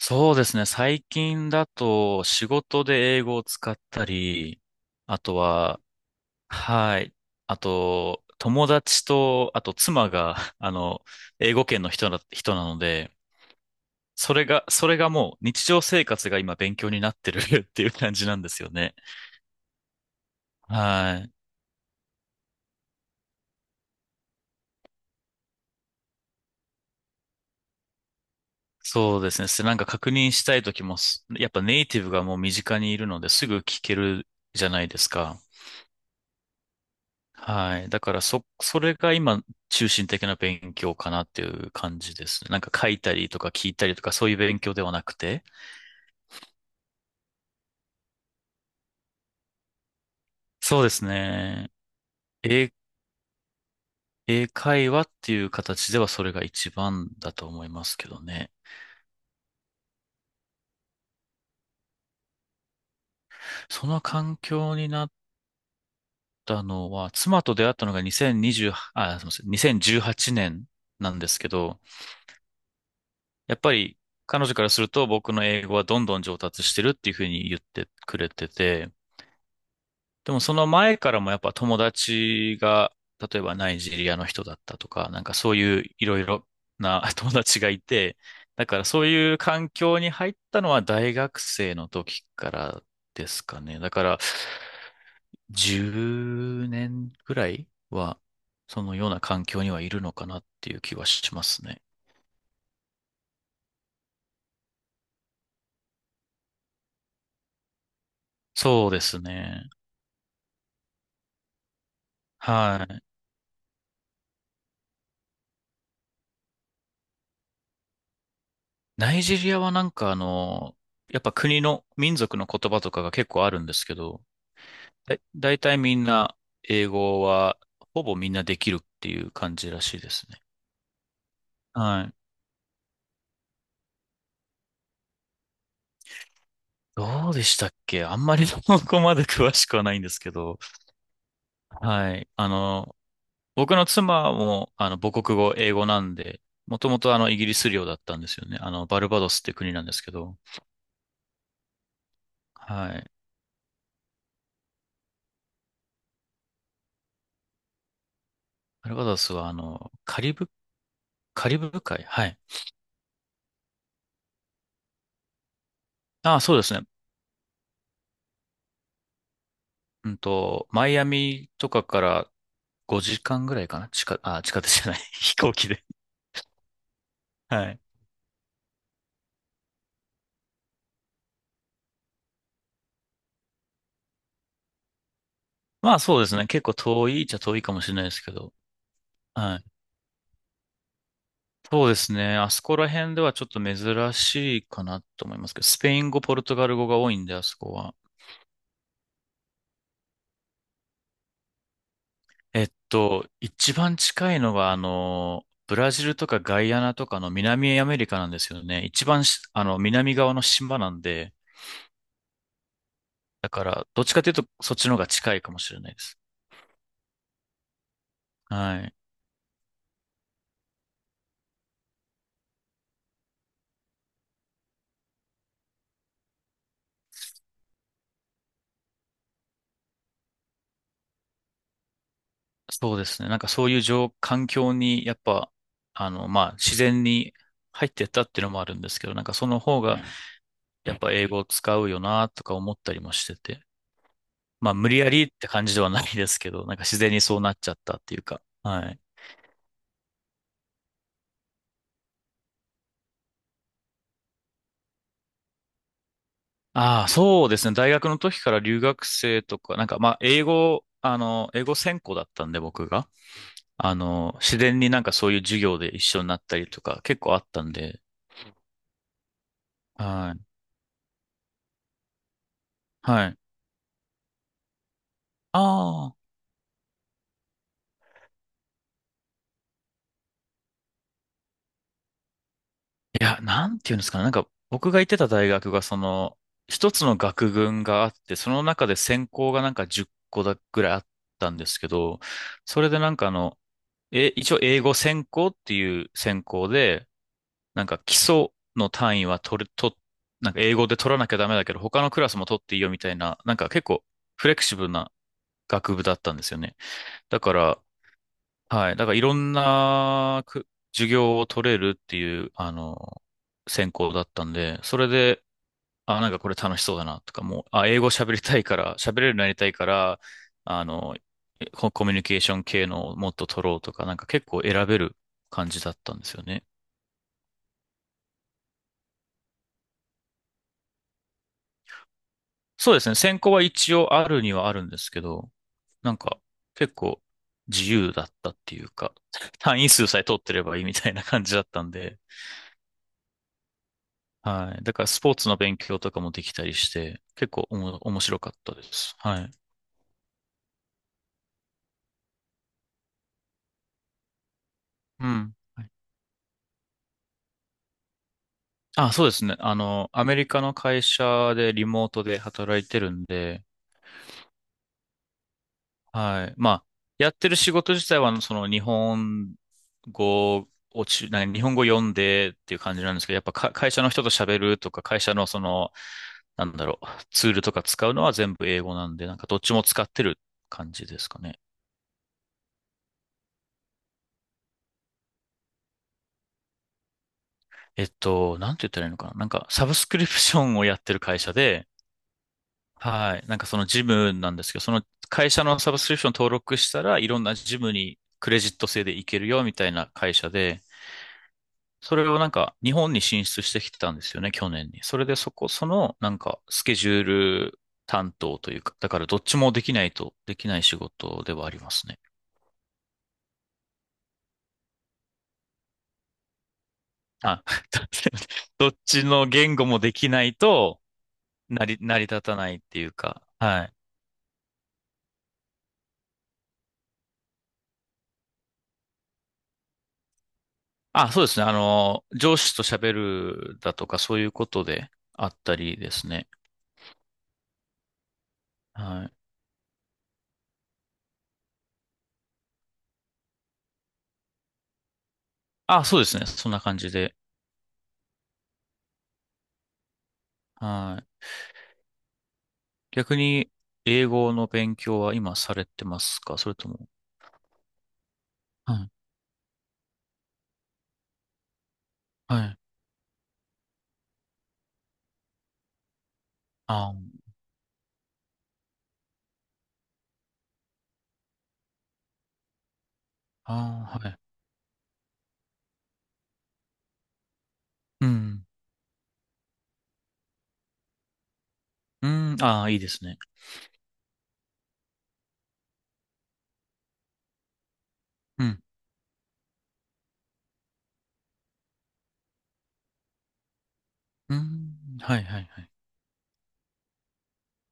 そうですね。最近だと仕事で英語を使ったり、あとは、はい。あと、友達と、あと妻が、英語圏の人な、人なので、それがもう日常生活が今勉強になってる っていう感じなんですよね。はい。そうですね。なんか確認したい時もやっぱネイティブがもう身近にいるのですぐ聞けるじゃないですか。はい。だからそれが今、中心的な勉強かなっていう感じですね。なんか書いたりとか聞いたりとか、そういう勉強ではなくて。そうですね。英、英会話っていう形ではそれが一番だと思いますけどね。その環境になったのは、妻と出会ったのが2020、あ、すみません、2018年なんですけど、やっぱり彼女からすると僕の英語はどんどん上達してるっていうふうに言ってくれてて、でもその前からもやっぱ友達が、例えばナイジェリアの人だったとか、なんかそういういろいろな 友達がいて、だからそういう環境に入ったのは大学生の時からですかね。だから10年ぐらいはそのような環境にはいるのかなっていう気はしますね。そうですね。はい。ナイジェリアはなんかやっぱ国の民族の言葉とかが結構あるんですけど、だいたいみんな英語はほぼみんなできるっていう感じらしいですね。はい。どうでしたっけあんまり そこまで詳しくはないんですけど。はい。あの、僕の妻もあの母国語、英語なんで、もともとあのイギリス領だったんですよね。あの、バルバドスって国なんですけど。はい。バルバドスはあの、カリブ海はい。ああ、そうですね。うんと、マイアミとかから5時間ぐらいかなあ、地下鉄じゃない。飛行機で。はい。まあそうですね。結構遠いっちゃ遠いかもしれないですけど。はい。そうですね。あそこら辺ではちょっと珍しいかなと思いますけど、スペイン語、ポルトガル語が多いんで、あそこは。えっと、一番近いのが、あの、ブラジルとかガイアナとかの南アメリカなんですよね。一番し、あの、南側の島なんで、だから、どっちかというと、そっちの方が近いかもしれないです。はい。そうですね。なんかそういう環境に、やっぱ、あの、まあ、自然に入ってったっていうのもあるんですけど、なんかその方が、やっぱ英語を使うよな、とか思ったりもしてて。まあ、無理やりって感じではないですけど、なんか自然にそうなっちゃったっていうか。はい。ああ、そうですね。大学の時から留学生とか、なんかまあ、英、語、あの、英語専攻だったんで、僕が。あの、自然になんかそういう授業で一緒になったりとか、結構あったんで。はい。はい。ああ。いや、なんていうんですかね。なんか、僕が行ってた大学が、その、一つの学群があって、その中で専攻がなんか10個ぐらいあったんですけど、それでなんか一応英語専攻っていう専攻で、なんか基礎の単位は取る、と、なんか英語で取らなきゃダメだけど、他のクラスも取っていいよみたいな、なんか結構フレキシブルな学部だったんですよね。だから、はい。だからいろんな授業を取れるっていう、あの、専攻だったんで、それで、あ、なんかこれ楽しそうだなとか、もう、あ、英語喋りたいから、喋れるようになりたいから、あの、コミュニケーション系のをもっと取ろうとか、なんか結構選べる感じだったんですよね。そうですね。専攻は一応あるにはあるんですけど、なんか結構自由だったっていうか、単位数さえ取ってればいいみたいな感じだったんで、はい。だからスポーツの勉強とかもできたりして、結構おも、面白かったです。はい。うん。はいあ、そうですね。あの、アメリカの会社でリモートで働いてるんで、はい。まあ、やってる仕事自体は、その日本語をち、なんか日本語読んでっていう感じなんですけど、やっぱ会社の人と喋るとか、会社のその、なんだろう、ツールとか使うのは全部英語なんで、なんかどっちも使ってる感じですかね。えっと、なんて言ったらいいのかな。なんか、サブスクリプションをやってる会社で、はい。なんかそのジムなんですけど、その会社のサブスクリプション登録したらいろんなジムにクレジット制で行けるよみたいな会社で、それをなんか日本に進出してきてたんですよね、去年に。それでそこ、そのなんかスケジュール担当というか、だからどっちもできないとできない仕事ではありますね。あ、どっちの言語もできないと成り立たないっていうか、はい。あ、そうですね。あの、上司と喋るだとか、そういうことであったりですね。はい。あ、そうですね。そんな感じで。はい。逆に、英語の勉強は今されてますかそれとも。はい。はい。ああ、はい。うん。うん。ああ、いいですね。うん。うん。はい、はい、はい。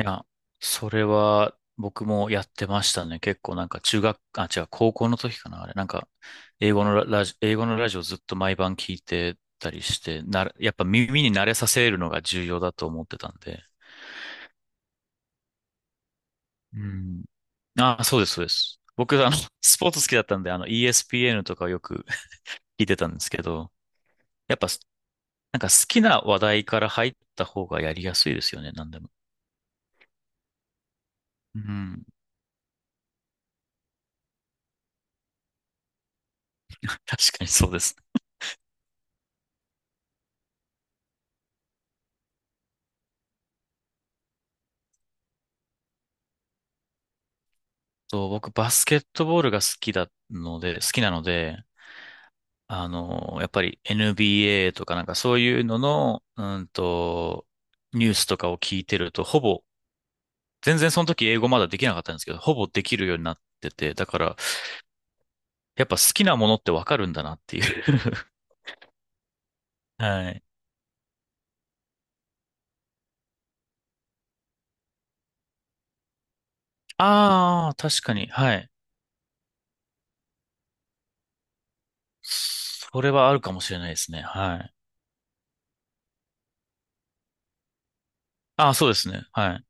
いや、それは僕もやってましたね。結構なんか中学、あ、違う、高校の時かな、あれ。なんか、英語のラジオずっと毎晩聞いてたりして、やっぱ耳に慣れさせるのが重要だと思ってたんで。うん。あ、そうです。僕、あの、スポーツ好きだったんで、あの、ESPN とかをよく 聞いてたんですけど、やっぱ、なんか好きな話題から入った方がやりやすいですよね、なんでも。うん。確かにそうです。と、僕バスケットボールが好きだので、好きなので、あの、やっぱり NBA とかなんかそういうのの、うんと、ニュースとかを聞いてると、ほぼ、全然その時英語まだできなかったんですけど、ほぼできるようになってて、だから、やっぱ好きなものってわかるんだなっていう はい。ああ、確かに、はい。それはあるかもしれないですね。はい。ああ、そうですね。はい。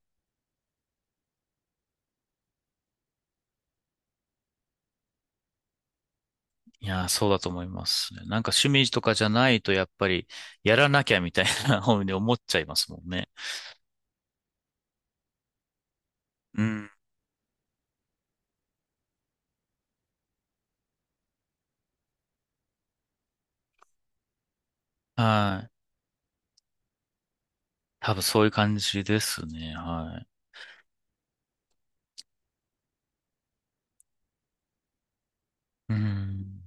いやー、そうだと思いますね。なんか趣味とかじゃないとやっぱりやらなきゃみたいな 方に思っちゃいますもんね。うん。はい。多分そういう感じですね。はい。うん。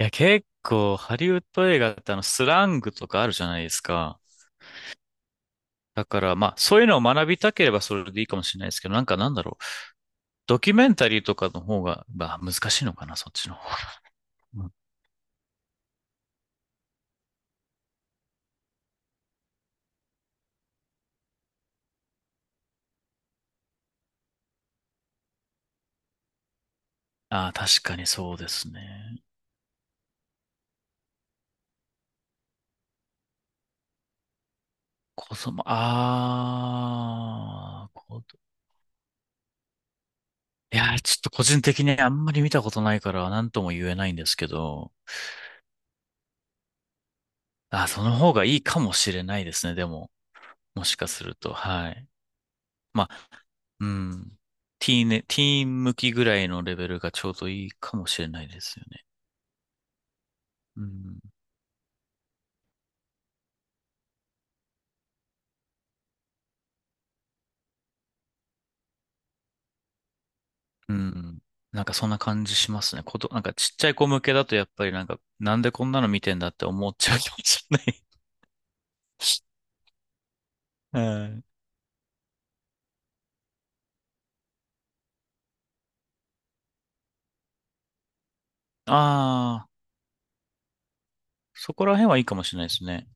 いや、結構ハリウッド映画ってあのスラングとかあるじゃないですか。だからまあそういうのを学びたければそれでいいかもしれないですけど、なんかなんだろう。ドキュメンタリーとかの方が、まあ難しいのかな、そっちの方が。うんああ、確かにそうですね。子供、ああ、子いやー、ちょっと個人的にあんまり見たことないから何とも言えないんですけど、あ、その方がいいかもしれないですね、でも。もしかすると、はい。まあ、うん。ティーン向きぐらいのレベルがちょうどいいかもしれないですよね。うん。うん。なんかそんな感じしますね。なんかちっちゃい子向けだとやっぱりなんか、なんでこんなの見てんだって思っちゃうかもしれない。うん。ああ、そこら辺はいいかもしれないですね。